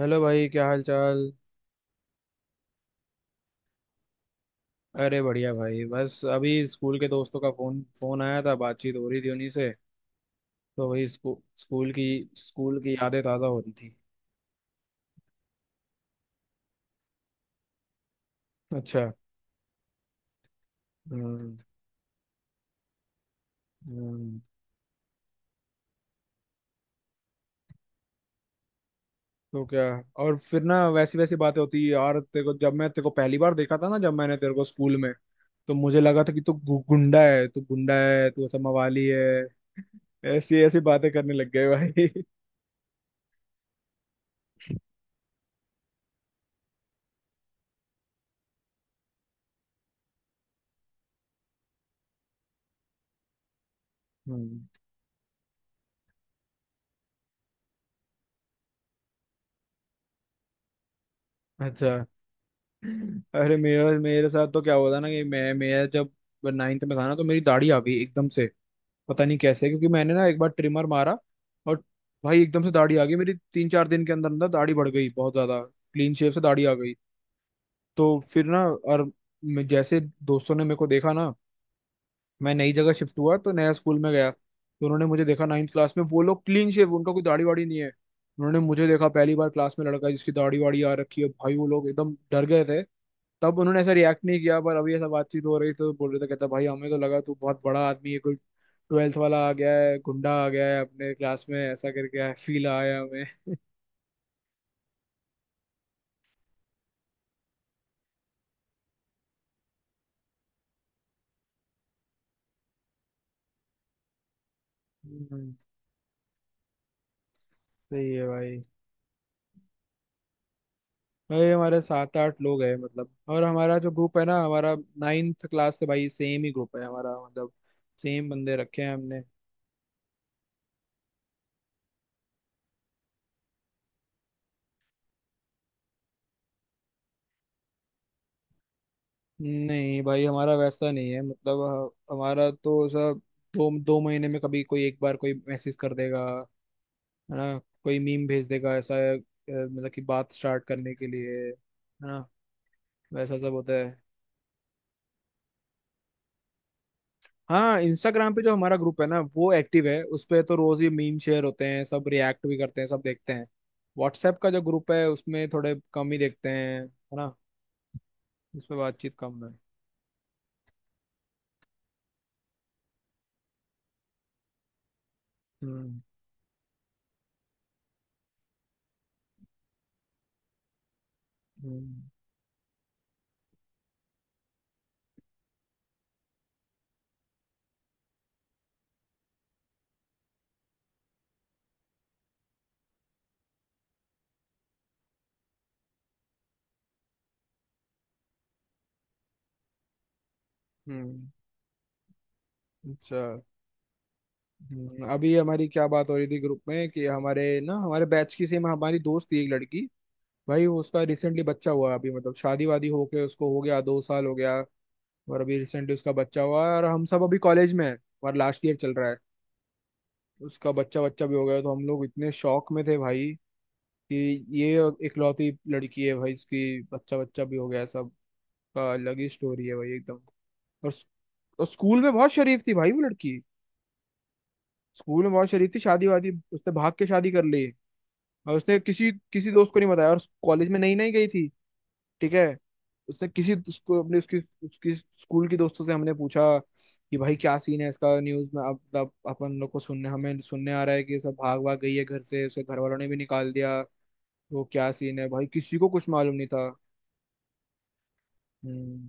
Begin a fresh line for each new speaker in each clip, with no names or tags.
Hello भाई क्या हाल चाल। अरे बढ़िया भाई बस अभी स्कूल के दोस्तों का फोन फोन आया था, बातचीत हो रही थी उन्हीं से। तो वही स्कूल की यादें ताज़ा हो रही थी। अच्छा। हम्म। हम्म। तो क्या। और फिर ना वैसी वैसी बातें होती है यार, तेरे को जब मैं तेरे को पहली बार देखा था ना, जब मैंने तेरे को स्कूल में, तो मुझे लगा था कि तू गुंडा है, तू गुंडा है, तू ऐसा मवाली है। ऐसी ऐसी बातें करने लग गए भाई हम्म। अच्छा। अरे मेरा मेरे साथ तो क्या हुआ था ना कि मैं जब नाइन्थ में था ना, तो मेरी दाढ़ी आ गई एकदम से। पता नहीं कैसे, क्योंकि मैंने ना एक बार ट्रिमर मारा, और भाई एकदम से दाढ़ी आ गई मेरी, 3-4 दिन के अंदर अंदर दाढ़ी बढ़ गई बहुत ज्यादा, क्लीन शेव से दाढ़ी आ गई। तो फिर ना और जैसे दोस्तों ने मेरे को देखा ना, मैं नई जगह शिफ्ट हुआ तो नया स्कूल में गया, तो उन्होंने मुझे देखा नाइन्थ क्लास में, वो लोग क्लीन शेव, उनका कोई दाढ़ी वाड़ी नहीं है। उन्होंने मुझे देखा पहली बार क्लास में लड़का जिसकी दाढ़ी वाड़ी आ रखी है, भाई वो लोग एकदम डर गए थे। तब उन्होंने ऐसा रिएक्ट नहीं किया, पर अभी ऐसा बातचीत हो रही तो बोल रहे थे, कहता भाई हमें तो लगा तू बहुत बड़ा आदमी है, कोई ट्वेल्थ वाला आ गया है, गुंडा आ गया है अपने क्लास में, ऐसा करके फील आया हमें। हम्म। सही है भाई। भाई हमारे सात आठ लोग हैं मतलब, और हमारा जो ग्रुप है ना, हमारा नाइन्थ क्लास से भाई सेम ही ग्रुप है हमारा मतलब, सेम बंदे रखे हैं हमने। नहीं भाई हमारा वैसा नहीं है मतलब, हमारा तो सब दो दो महीने में कभी कोई एक बार कोई मैसेज कर देगा, है ना। कोई मीम भेज देगा, ऐसा मतलब कि बात स्टार्ट करने के लिए है ना। वैसा सब होता है। हाँ, इंस्टाग्राम पे जो हमारा ग्रुप है ना वो एक्टिव है, उस पे तो रोज ही मीम शेयर होते हैं, सब रिएक्ट भी करते हैं, सब देखते हैं। व्हाट्सएप का जो ग्रुप है उसमें थोड़े कम ही देखते हैं, है ना। उस पे बातचीत कम है। हम्म। हम्म। हम्म। अच्छा। अभी हमारी क्या बात हो रही थी ग्रुप में, कि हमारे ना हमारे बैच की सेम हमारी दोस्त थी एक लड़की। भाई उसका रिसेंटली बच्चा हुआ अभी, मतलब शादी वादी होके उसको हो गया 2 साल हो गया। और अभी रिसेंटली उसका बच्चा हुआ है, और हम सब अभी कॉलेज में है, और लास्ट ईयर चल रहा है। उसका बच्चा बच्चा भी हो गया तो हम लोग इतने शौक में थे भाई, कि ये इकलौती लड़की है भाई, इसकी बच्चा बच्चा भी हो गया, सब का अलग ही स्टोरी है भाई एकदम। और, और स्कूल में बहुत शरीफ थी भाई वो लड़की। स्कूल में बहुत शरीफ थी, शादी वादी उसने भाग के शादी कर ली। और उसने किसी किसी दोस्त को नहीं बताया, और कॉलेज में नई नई गई थी, ठीक है। उसने किसी उसको अपने उसकी उसकी स्कूल के दोस्तों से हमने पूछा, कि भाई क्या सीन है इसका, न्यूज में अब तब अपन लोग को सुनने हमें सुनने आ रहा है कि ये सब भाग भाग गई है घर से, उसके घर वालों ने भी निकाल दिया। वो क्या सीन है भाई, किसी को कुछ मालूम नहीं था। हम्म।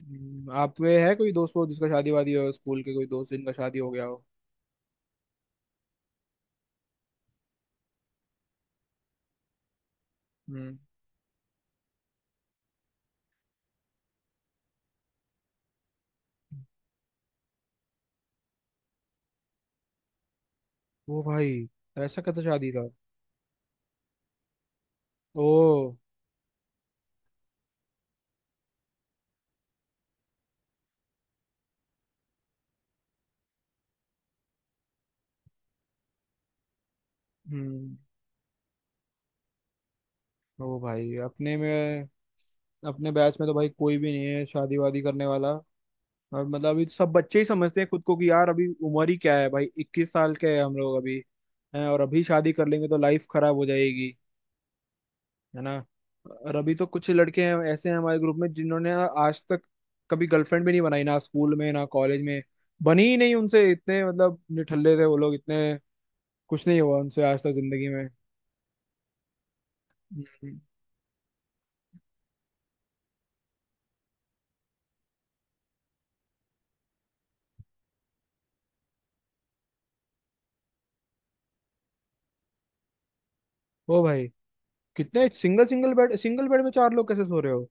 हम्म। आप में है कोई दोस्त वो जिसका शादी वादी हो, स्कूल के कोई दोस्त जिनका शादी हो गया हो। हम्म। वो भाई, ऐसा कैसा शादी था? ओ। हम्म। ओ भाई। अपने बैच में तो भाई कोई भी नहीं है शादी वादी करने वाला। और मतलब अभी तो सब बच्चे ही समझते हैं खुद को, कि यार अभी उम्र ही क्या है भाई, 21 साल के हैं हम लोग अभी। हैं, और अभी शादी कर लेंगे तो लाइफ खराब हो जाएगी, है ना। और अभी तो कुछ लड़के हैं ऐसे हैं हमारे ग्रुप में, जिन्होंने आज तक कभी गर्लफ्रेंड भी नहीं बनाई, ना स्कूल में ना कॉलेज में। बनी ही नहीं उनसे, इतने मतलब निठल्ले थे वो लोग इतने, कुछ नहीं हुआ उनसे आज तक जिंदगी में। हम्म। ओ भाई, कितने सिंगल सिंगल बेड में चार लोग कैसे सो रहे हो?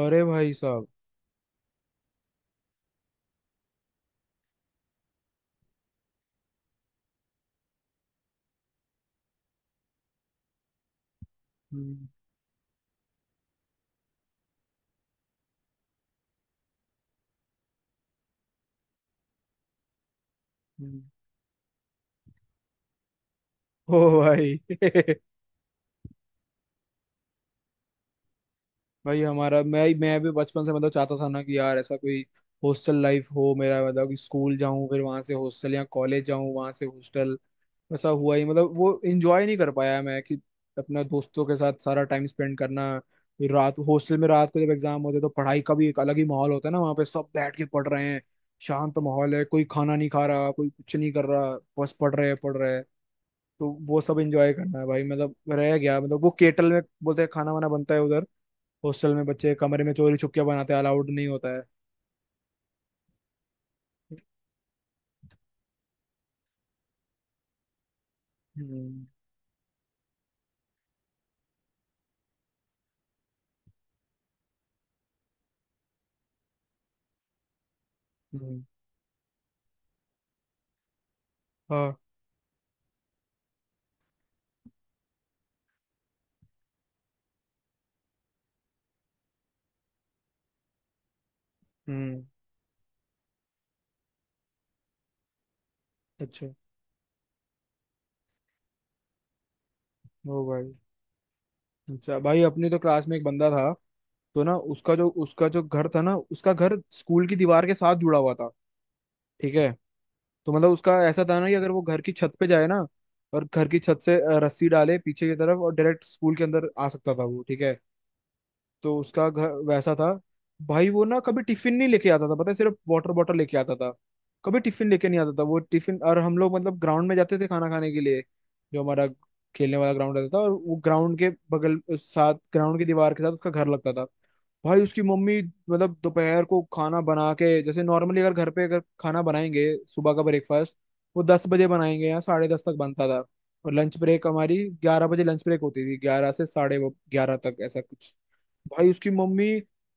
अरे भाई साहब। हम्म। हम्म। ओ भाई भाई हमारा मैं भी बचपन से मतलब चाहता था ना, कि यार ऐसा कोई हॉस्टल लाइफ हो मेरा, मतलब कि स्कूल जाऊं फिर वहां से हॉस्टल, या कॉलेज जाऊं वहां से हॉस्टल। वैसा हुआ ही मतलब, वो एंजॉय नहीं कर पाया मैं, कि अपना दोस्तों के साथ सारा टाइम स्पेंड करना। फिर रात हॉस्टल में, रात को जब एग्जाम होते हैं तो पढ़ाई का भी एक अलग ही माहौल होता है ना, वहाँ पे सब बैठ के पढ़ रहे हैं। शांत माहौल है, कोई खाना नहीं खा रहा, कोई कुछ नहीं कर रहा, बस पढ़ रहे हैं पढ़ रहे हैं। तो वो सब एंजॉय करना है भाई, मतलब रह गया, मतलब वो केटल में बोलते हैं खाना वाना बनता है उधर, हॉस्टल में बच्चे कमरे में चोरी छुपके बनाते हैं, अलाउड नहीं होता है। हम्म। हम्म। हाँ। हम्म। अच्छा। ओ भाई। अच्छा भाई अपने तो क्लास में एक बंदा था, तो ना उसका जो घर था ना, उसका घर स्कूल की दीवार के साथ जुड़ा हुआ था, ठीक है। तो मतलब उसका ऐसा था ना कि अगर वो घर की छत पे जाए ना, और घर की छत से रस्सी डाले पीछे की तरफ, और डायरेक्ट स्कूल के अंदर आ सकता था वो, ठीक है। तो उसका घर वैसा था। भाई वो ना कभी टिफिन नहीं लेके आता था, पता है, सिर्फ वाटर बॉटल लेके आता था। कभी टिफिन लेके नहीं आता था वो टिफिन, और हम लोग मतलब ग्राउंड में जाते थे खाना खाने के लिए, जो हमारा खेलने वाला ग्राउंड रहता था। और वो ग्राउंड के बगल साथ, ग्राउंड की दीवार के साथ उसका घर लगता था। भाई उसकी मम्मी मतलब दोपहर को खाना बना के, जैसे नॉर्मली अगर घर पे अगर खाना बनाएंगे, सुबह का ब्रेकफास्ट वो 10 बजे बनाएंगे या साढ़े दस तक बनता था। और लंच ब्रेक हमारी 11 बजे लंच ब्रेक होती थी, ग्यारह से साढ़े ग्यारह तक ऐसा कुछ। भाई उसकी मम्मी,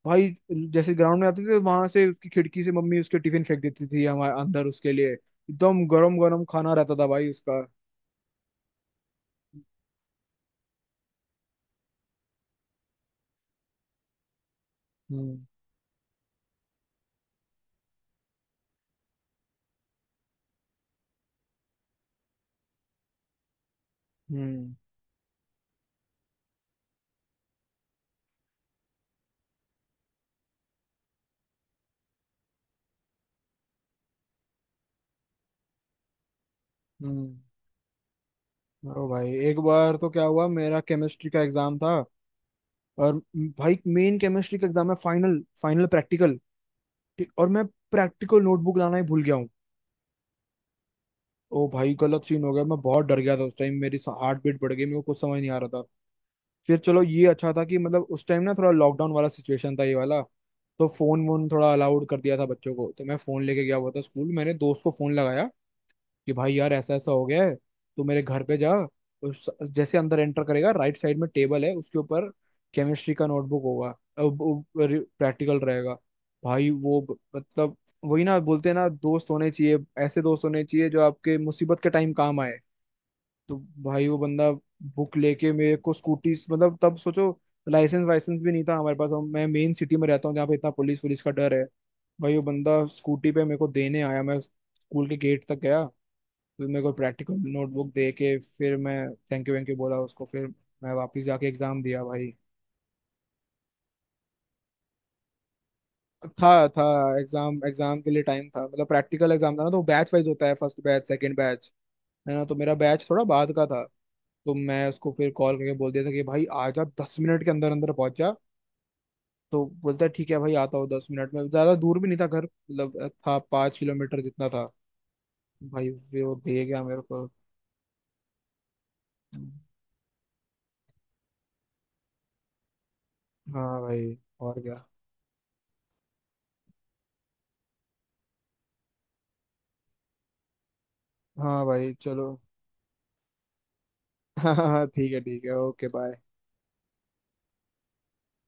भाई जैसे ग्राउंड में आती थी, वहां से उसकी खिड़की से मम्मी उसके टिफिन फेंक देती थी हमारे अंदर, उसके लिए एकदम गरम गरम खाना रहता था भाई उसका। हम्म। हम्म। हम्म। ओ भाई एक बार तो क्या हुआ, मेरा केमिस्ट्री का एग्जाम था, और भाई मेन केमिस्ट्री का एग्जाम है, फाइनल फाइनल प्रैक्टिकल, और मैं प्रैक्टिकल नोटबुक लाना ही भूल गया हूँ। ओ भाई गलत सीन हो गया, मैं बहुत डर गया था उस टाइम, मेरी हार्ट बीट बढ़ गई, मेरे को कुछ समझ नहीं आ रहा था। फिर चलो ये अच्छा था कि मतलब उस टाइम ना थोड़ा लॉकडाउन वाला सिचुएशन था ये वाला, तो फोन वोन थोड़ा अलाउड कर दिया था बच्चों को, तो मैं फोन लेके गया हुआ था स्कूल। मैंने दोस्त को फोन लगाया, कि भाई यार ऐसा ऐसा हो गया है, तू मेरे घर पे जा, उस जैसे अंदर एंटर करेगा राइट साइड में टेबल है, उसके ऊपर केमिस्ट्री का नोटबुक होगा, प्रैक्टिकल रहेगा। भाई वो मतलब वही ना बोलते हैं ना दोस्त होने चाहिए, ऐसे दोस्त होने चाहिए जो आपके मुसीबत के टाइम काम आए। तो भाई वो बंदा बुक लेके मेरे को स्कूटी, मतलब तब सोचो, लाइसेंस वाइसेंस भी नहीं था हमारे पास, मैं मेन सिटी में रहता हूँ जहाँ पे इतना पुलिस पुलिस का डर है। भाई वो बंदा स्कूटी पे मेरे को देने आया, मैं स्कूल के गेट तक गया, फिर मेरे को प्रैक्टिकल नोटबुक दे के फिर मैं थैंक यू वैंक यू बोला उसको, फिर मैं वापस जाके एग्जाम दिया भाई। था, एग्जाम एग्जाम के लिए टाइम था मतलब, प्रैक्टिकल एग्जाम था ना तो बैच वाइज होता है, फर्स्ट बैच सेकंड बैच, है ना। तो मेरा बैच थोड़ा बाद का था। तो मैं उसको फिर कॉल करके बोल दिया था कि भाई आ जा, 10 मिनट के अंदर अंदर पहुंच जा। तो बोलता है ठीक है भाई आता हूँ 10 मिनट में, ज्यादा दूर भी नहीं था घर, मतलब था 5 किलोमीटर जितना था। भाई फिर वो दे गया मेरे को। हाँ भाई, और क्या। हाँ भाई चलो हाँ हाँ हाँ, ठीक है ठीक है, ओके बाय।